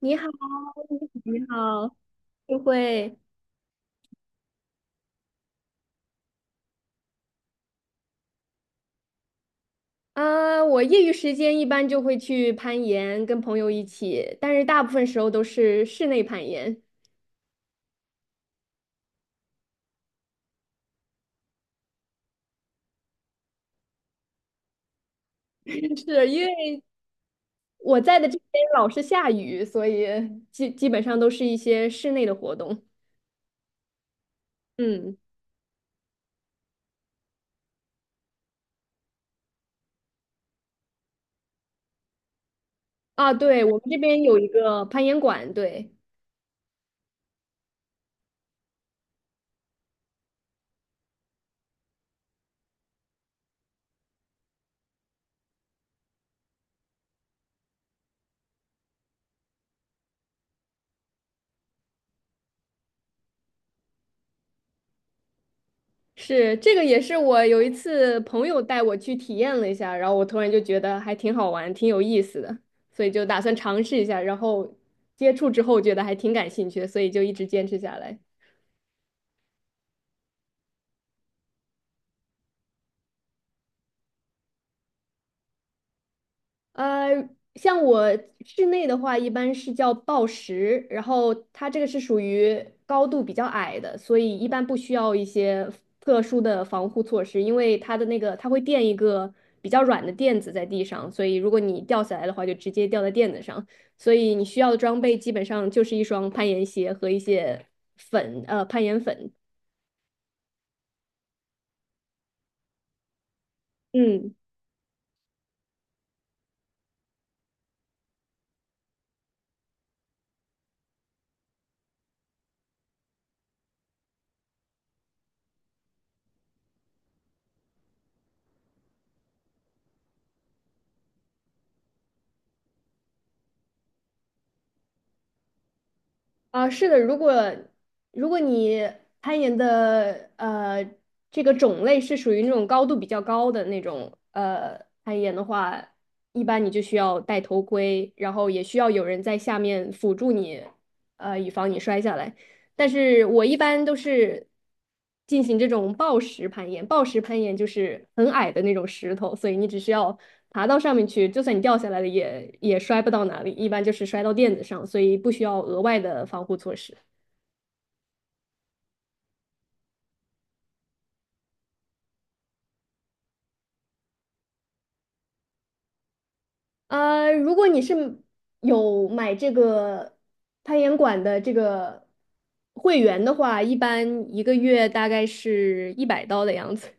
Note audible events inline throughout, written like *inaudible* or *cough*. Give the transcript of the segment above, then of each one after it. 你好，你好，就会啊，我业余时间一般就会去攀岩，跟朋友一起，但是大部分时候都是室内攀岩，*laughs* 是因为我在的这边老是下雨，所以基本上都是一些室内的活动。嗯，啊，对，我们这边有一个攀岩馆，对。是，这个也是我有一次朋友带我去体验了一下，然后我突然就觉得还挺好玩，挺有意思的，所以就打算尝试一下，然后接触之后觉得还挺感兴趣的，所以就一直坚持下来。呃，像我室内的话，一般是叫抱石，然后它这个是属于高度比较矮的，所以一般不需要一些特殊的防护措施，因为它的那个它会垫一个比较软的垫子在地上，所以如果你掉下来的话，就直接掉在垫子上。所以你需要的装备基本上就是一双攀岩鞋和一些攀岩粉。嗯。啊，是的，如果你攀岩的这个种类是属于那种高度比较高的那种攀岩的话，一般你就需要戴头盔，然后也需要有人在下面辅助你，以防你摔下来。但是我一般都是进行这种暴石攀岩，暴石攀岩就是很矮的那种石头，所以你只需要爬到上面去，就算你掉下来了也摔不到哪里，一般就是摔到垫子上，所以不需要额外的防护措施。如果你是有买这个攀岩馆的这个会员的话，一般一个月大概是100刀的样子。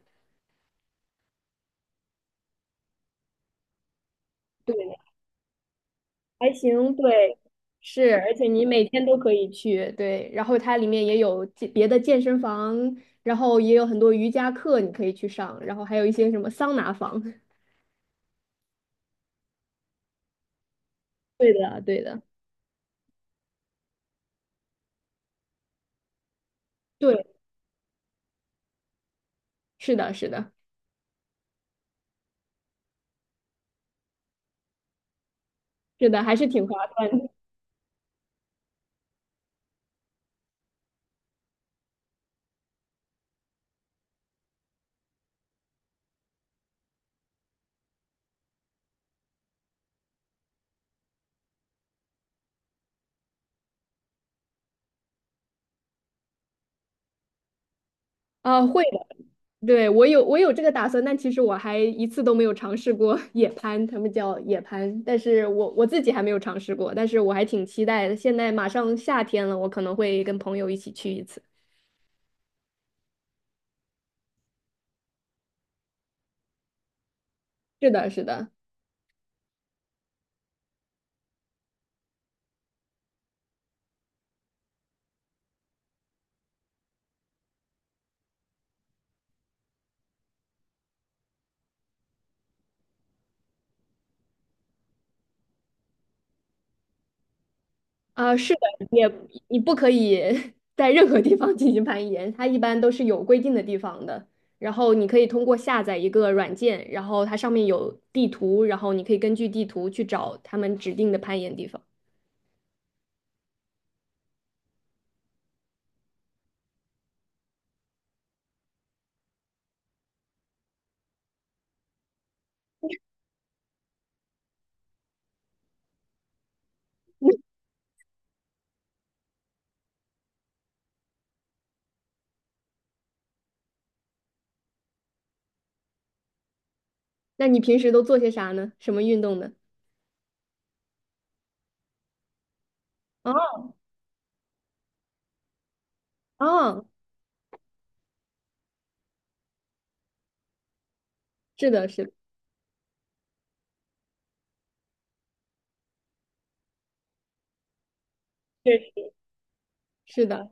对，还行，对，是，而且你每天都可以去，对，然后它里面也有健别的健身房，然后也有很多瑜伽课你可以去上，然后还有一些什么桑拿房。*laughs* 对的，对的，对，是的，是的，是的，还是挺划算的啊，会的。对，我有这个打算，但其实我还一次都没有尝试过 *laughs* 野攀，他们叫野攀，但是我自己还没有尝试过，但是我还挺期待的。现在马上夏天了，我可能会跟朋友一起去一次。是的，是的。啊，是的，也你不可以 *laughs* 在任何地方进行攀岩，它一般都是有规定的地方的。然后你可以通过下载一个软件，然后它上面有地图，然后你可以根据地图去找他们指定的攀岩地方。那你平时都做些啥呢？什么运动呢？哦哦，是的，是的，是是的，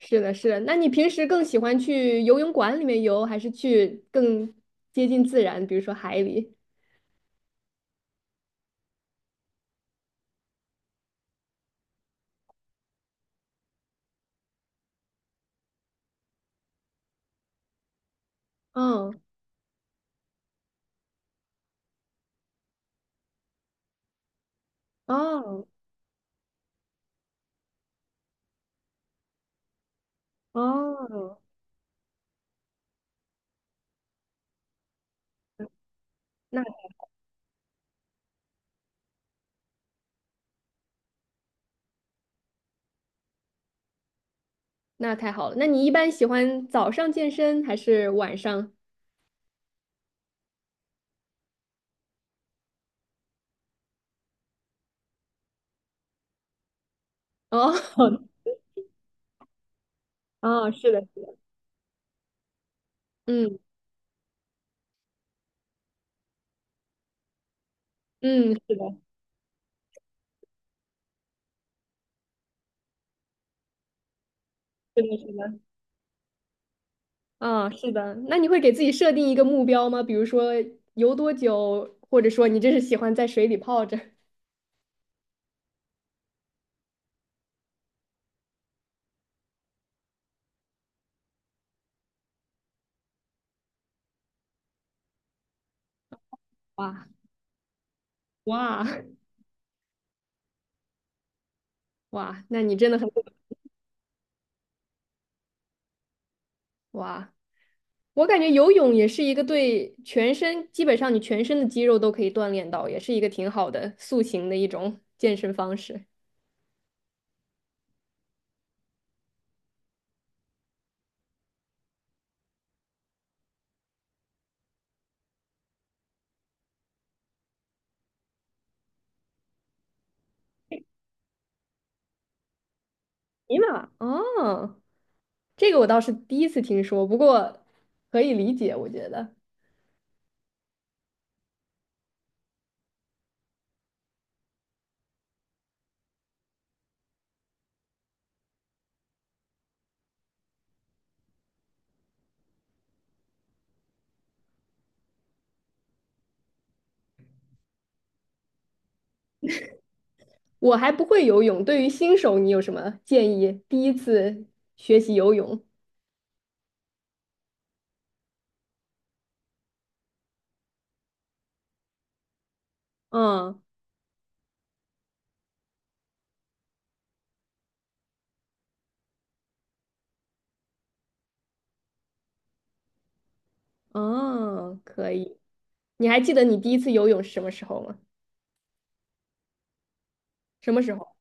是的，是的。那你平时更喜欢去游泳馆里面游，还是去更接近自然，比如说海里？嗯，哦哦，那。那太好了。那你一般喜欢早上健身还是晚上？哦，*laughs* 哦，是的，是的，嗯嗯，是的，是的，是的，啊，是的。那你会给自己设定一个目标吗？比如说游多久，或者说你真是喜欢在水里泡着？哇哇哇！那你真的很哇！我感觉游泳也是一个对全身，基本上你全身的肌肉都可以锻炼到，也是一个挺好的塑形的一种健身方式。尼玛，哦。这个我倒是第一次听说，不过可以理解，我觉得我还不会游泳，对于新手你有什么建议？第一次学习游泳，嗯嗯，可以。你还记得你第一次游泳是什么时候吗？什么时候？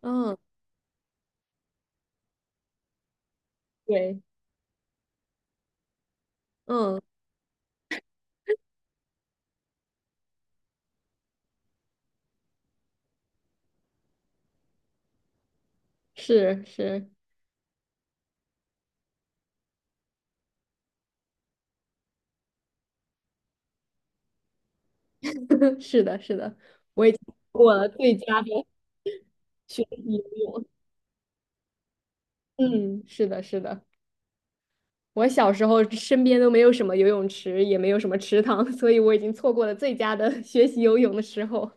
嗯，对，嗯，是是 *laughs* 是的，是的，我最佳的学习游泳。嗯，是的，是的。我小时候身边都没有什么游泳池，也没有什么池塘，所以我已经错过了最佳的 *laughs* 学习游泳的时候。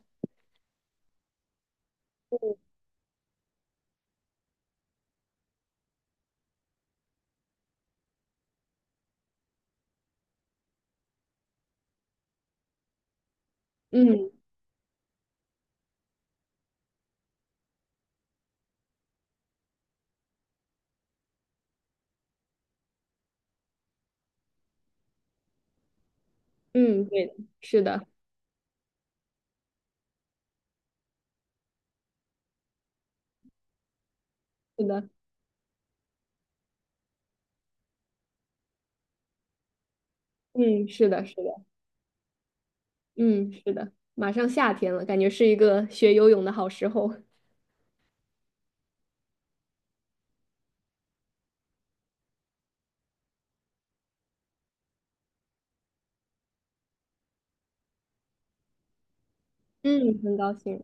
嗯嗯，对的，是的，是的，嗯，是的，是的，嗯，是的，马上夏天了，感觉是一个学游泳的好时候。*laughs* 嗯，很高兴。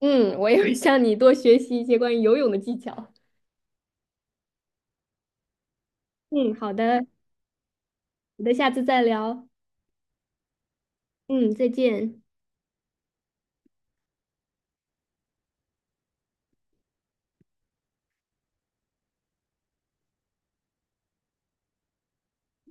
嗯，我也会向你多学习一些关于游泳的技巧。嗯，好的，我们下次再聊。嗯，再见。